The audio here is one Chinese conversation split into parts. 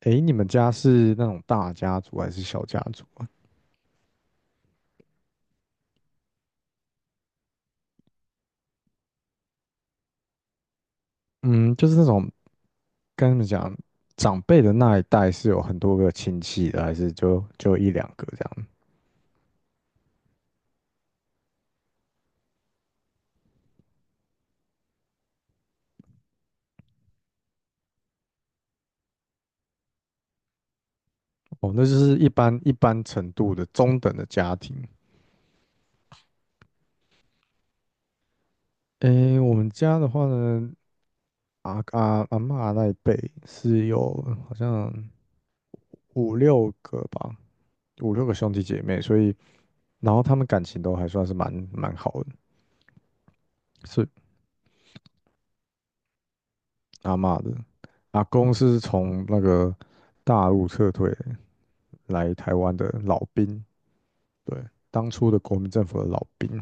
诶，你们家是那种大家族还是小家族啊？嗯，就是那种跟你们讲，长辈的那一代是有很多个亲戚的，还是就一两个这样？哦，那就是一般程度的中等的家庭。诶，我们家的话呢，阿阿阿嬷那一辈是有好像五六个吧，五六个兄弟姐妹，所以然后他们感情都还算是蛮好的，是。阿嬷的，阿公是从那个大陆撤退来台湾的老兵，对，当初的国民政府的老兵，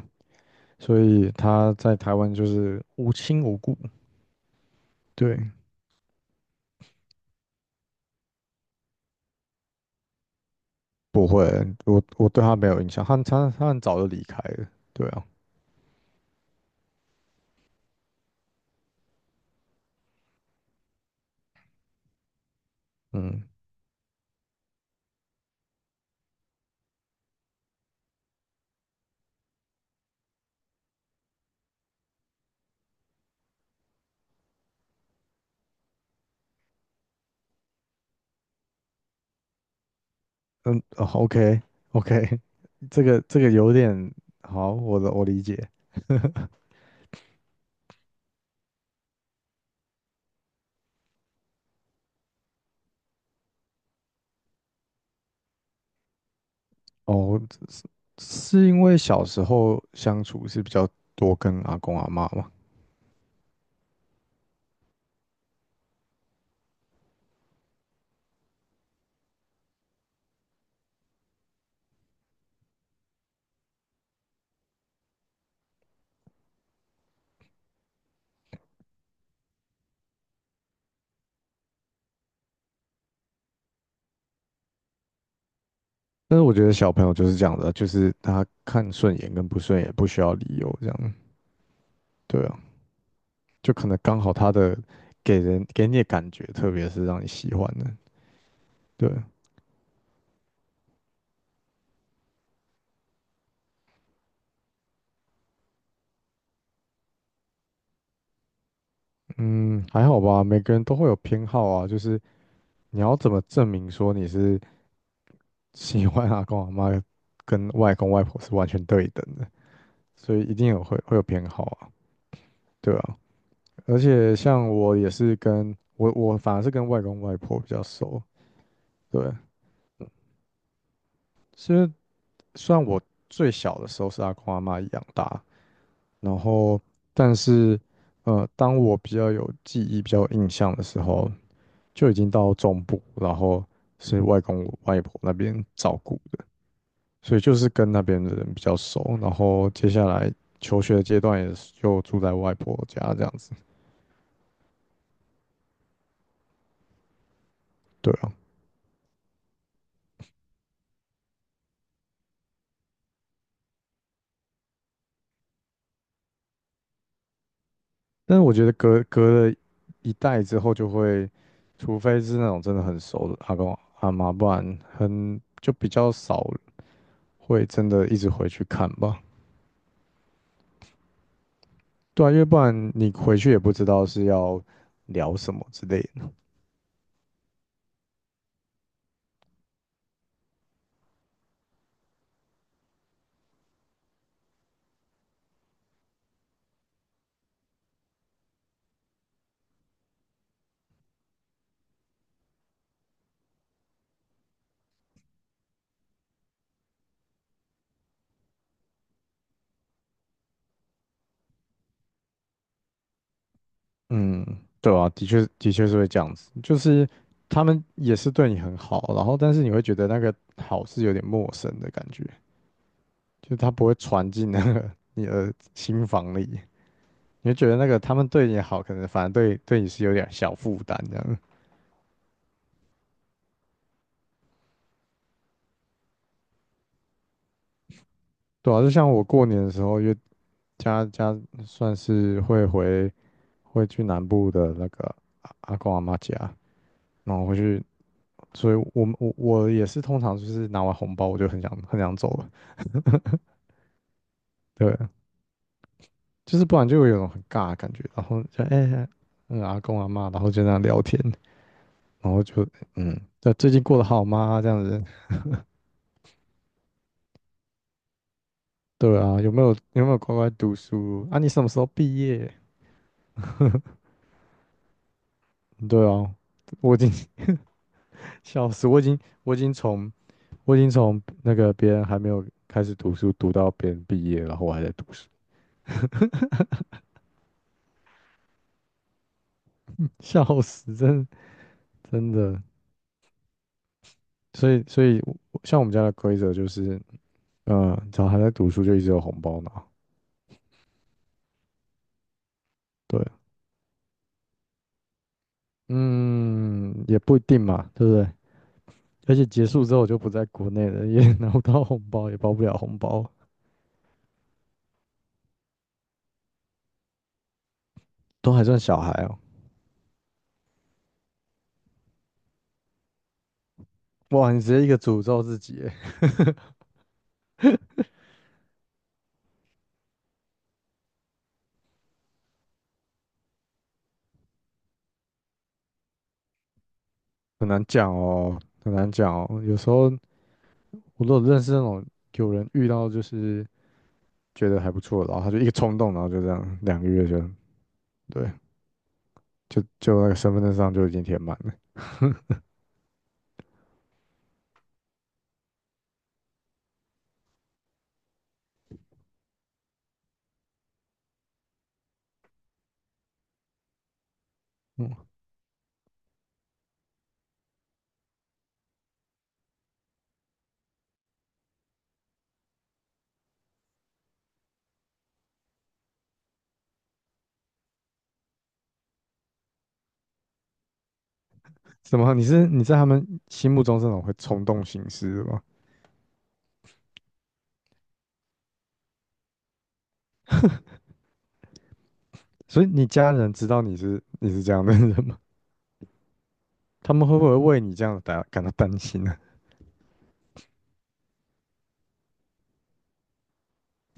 所以他在台湾就是无亲无故，对，不会，我对他没有印象，他很早就离开了，对啊，嗯嗯，OK OK。这个有点好，我理解。哦，是是因为小时候相处是比较多跟阿公阿嬷嘛。但是我觉得小朋友就是这样的，就是他看顺眼跟不顺眼不需要理由，这样对啊，就可能刚好他的给人给你的感觉，特别是让你喜欢的，对，嗯，还好吧，每个人都会有偏好啊，就是你要怎么证明说你是 喜欢阿公阿妈跟外公外婆是完全对等的，所以一定有会有偏好啊，对啊，而且像我也是跟我反而是跟外公外婆比较熟，对。是虽然我最小的时候是阿公阿嬷养大，然后但是当我比较有记忆、比较有印象的时候，就已经到中部，然后是外公外婆那边照顾的，所以就是跟那边的人比较熟。然后接下来求学的阶段也是就住在外婆家这样子，对啊。但是我觉得隔了一代之后，就会除非是那种真的很熟的阿公阿嬷，不然很就比较少会真的一直回去看吧。对啊，因为不然你回去也不知道是要聊什么之类的。嗯，对啊，的确的确是会这样子，就是他们也是对你很好，然后但是你会觉得那个好是有点陌生的感觉，就是他不会传进那个 你的心房里，你会觉得那个他们对你好，可能反而对你是有点小负担这样。对啊，就像我过年的时候，因为家算是会去南部的那个阿公阿妈家，然后回去，所以我们我我也是通常就是拿完红包我就很想很想走了，对，就是不然就会有一种很尬的感觉，然后就哎、欸阿公阿妈，然后就那样聊天，然后就嗯，对，最近过得好吗？这样子，对啊，有没有乖乖读书啊？你什么时候毕业？对啊，我已经笑死，我已经从那个别人还没有开始读书读到别人毕业，然后我还在读书。笑死，真的真的。所以像我们家的规则就是，只要还在读书就一直有红包拿。对，嗯，也不一定嘛，对不对？而且结束之后我就不在国内了，也 拿不到红包，也包不了红包，都还算小孩哦。哇，你直接一个诅咒自己耶。很难讲哦，很难讲哦。有时候我都有认识那种有人遇到就是觉得还不错，然后他就一个冲动，然后就这样2个月就对，就那个身份证上就已经填满了。嗯。怎么？你在他们心目中这种会冲动行事的吗？所以你家人知道你是这样的人吗？他们会不会为你这样感到担心呢？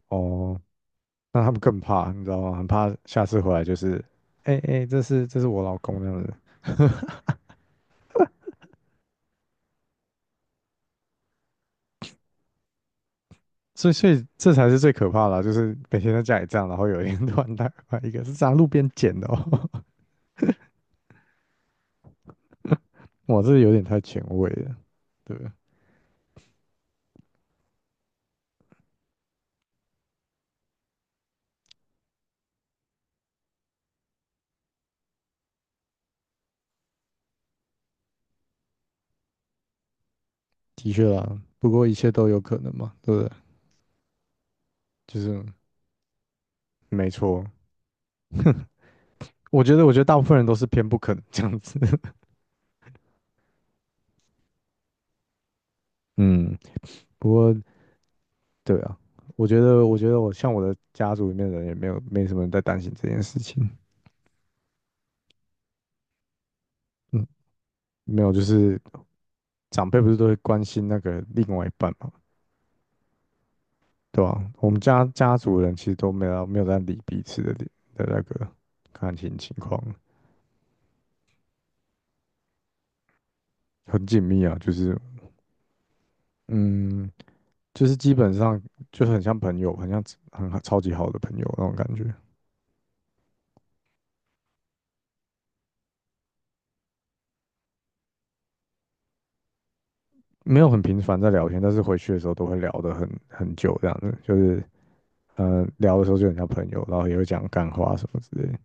哦，那他们更怕，你知道吗？很怕下次回来就是，哎、哎、这是我老公那样子。所以这才是最可怕的啊，就是每天在家里这样，然后有一天突然带回来一个是在路边捡的哦。哇，这有点太前卫了，对，的确啦，不过一切都有可能嘛，对不对？就是没错，我觉得，我觉得大部分人都是偏不肯这样子。嗯，不过对啊，我觉得，我觉得我像我的家族里面的人也没什么人在担心这件事情。嗯，没有，就是长辈不是都会关心那个另外一半嘛，对吧、我们家家族人其实都没有在理彼此的那个感情情况，很紧密啊，就是嗯，就是基本上就是很像朋友，很像很超级好的朋友那种感觉。没有很频繁在聊天，但是回去的时候都会聊得很久这样子，就是嗯，聊的时候就很像朋友，然后也会讲干话什么之类的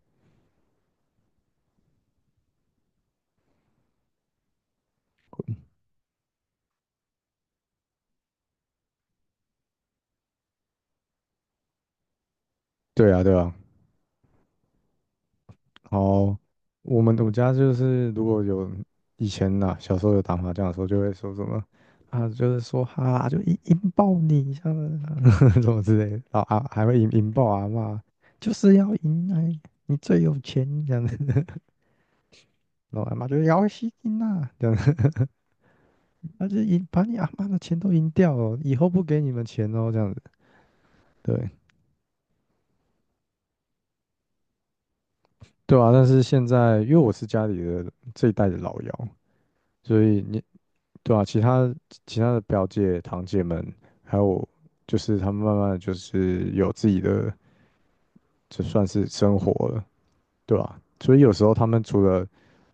对啊，对啊。然后我家就是如果有以前呐、小时候有打麻将的时候，就会说什么啊，就是说哈、啊，就引爆你，像 什么之类的，然后啊还会引爆阿嬷，就是要赢哎，你最有钱这样子，然后阿嬷就要吸金呐，他就赢把你阿妈的钱都赢掉了，以后不给你们钱哦，这样子，对对啊。但是现在因为我是家里的这一代的老幺，所以你对啊，其他的表姐堂姐们，还有就是他们慢慢的就是有自己的，就算是生活了，对吧？所以有时候他们除了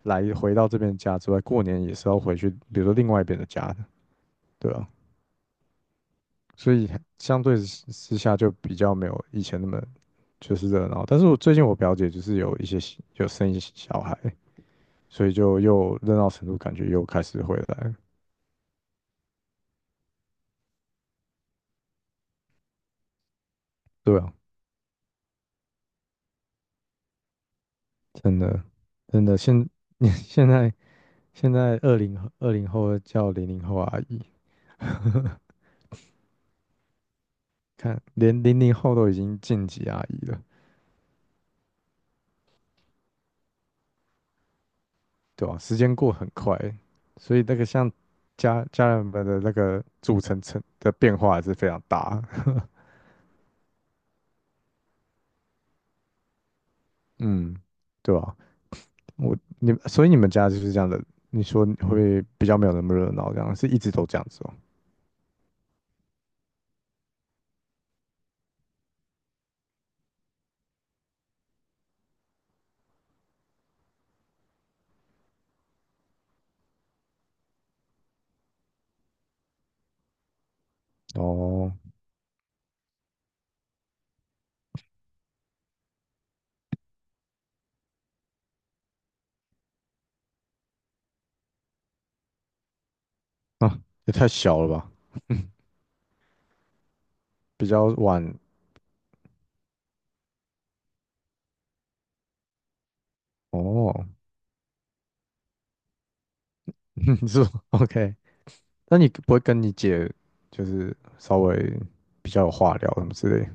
来回到这边家之外，过年也是要回去，比如说另外一边的家的，对啊。所以相对之下就比较没有以前那么就是热闹。但是我最近我表姐就是有生一些小孩，所以就又热闹程度感觉又开始回来了，对啊，真的真的现在现在2020后叫零零后阿姨，看连零零后都已经晋级阿姨了，对吧？时间过很快，所以那个像家人们的那个组成的变化还是非常大。嗯，对吧、我你们所以你们家就是这样的，你说你会比较没有那么热闹，这样是一直都这样子哦。哦，啊，也太小了吧，比较晚哦，是吧 OK。那你不会跟你姐就是稍微比较有话聊什么之类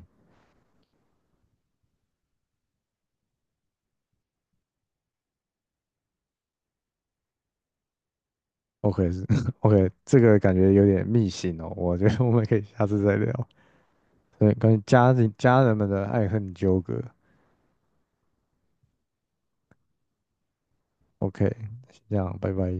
？OK 是 OK，这个感觉有点密信哦，我觉得我们可以下次再聊。对，关于家人们的爱恨纠葛。OK，先这样，拜拜。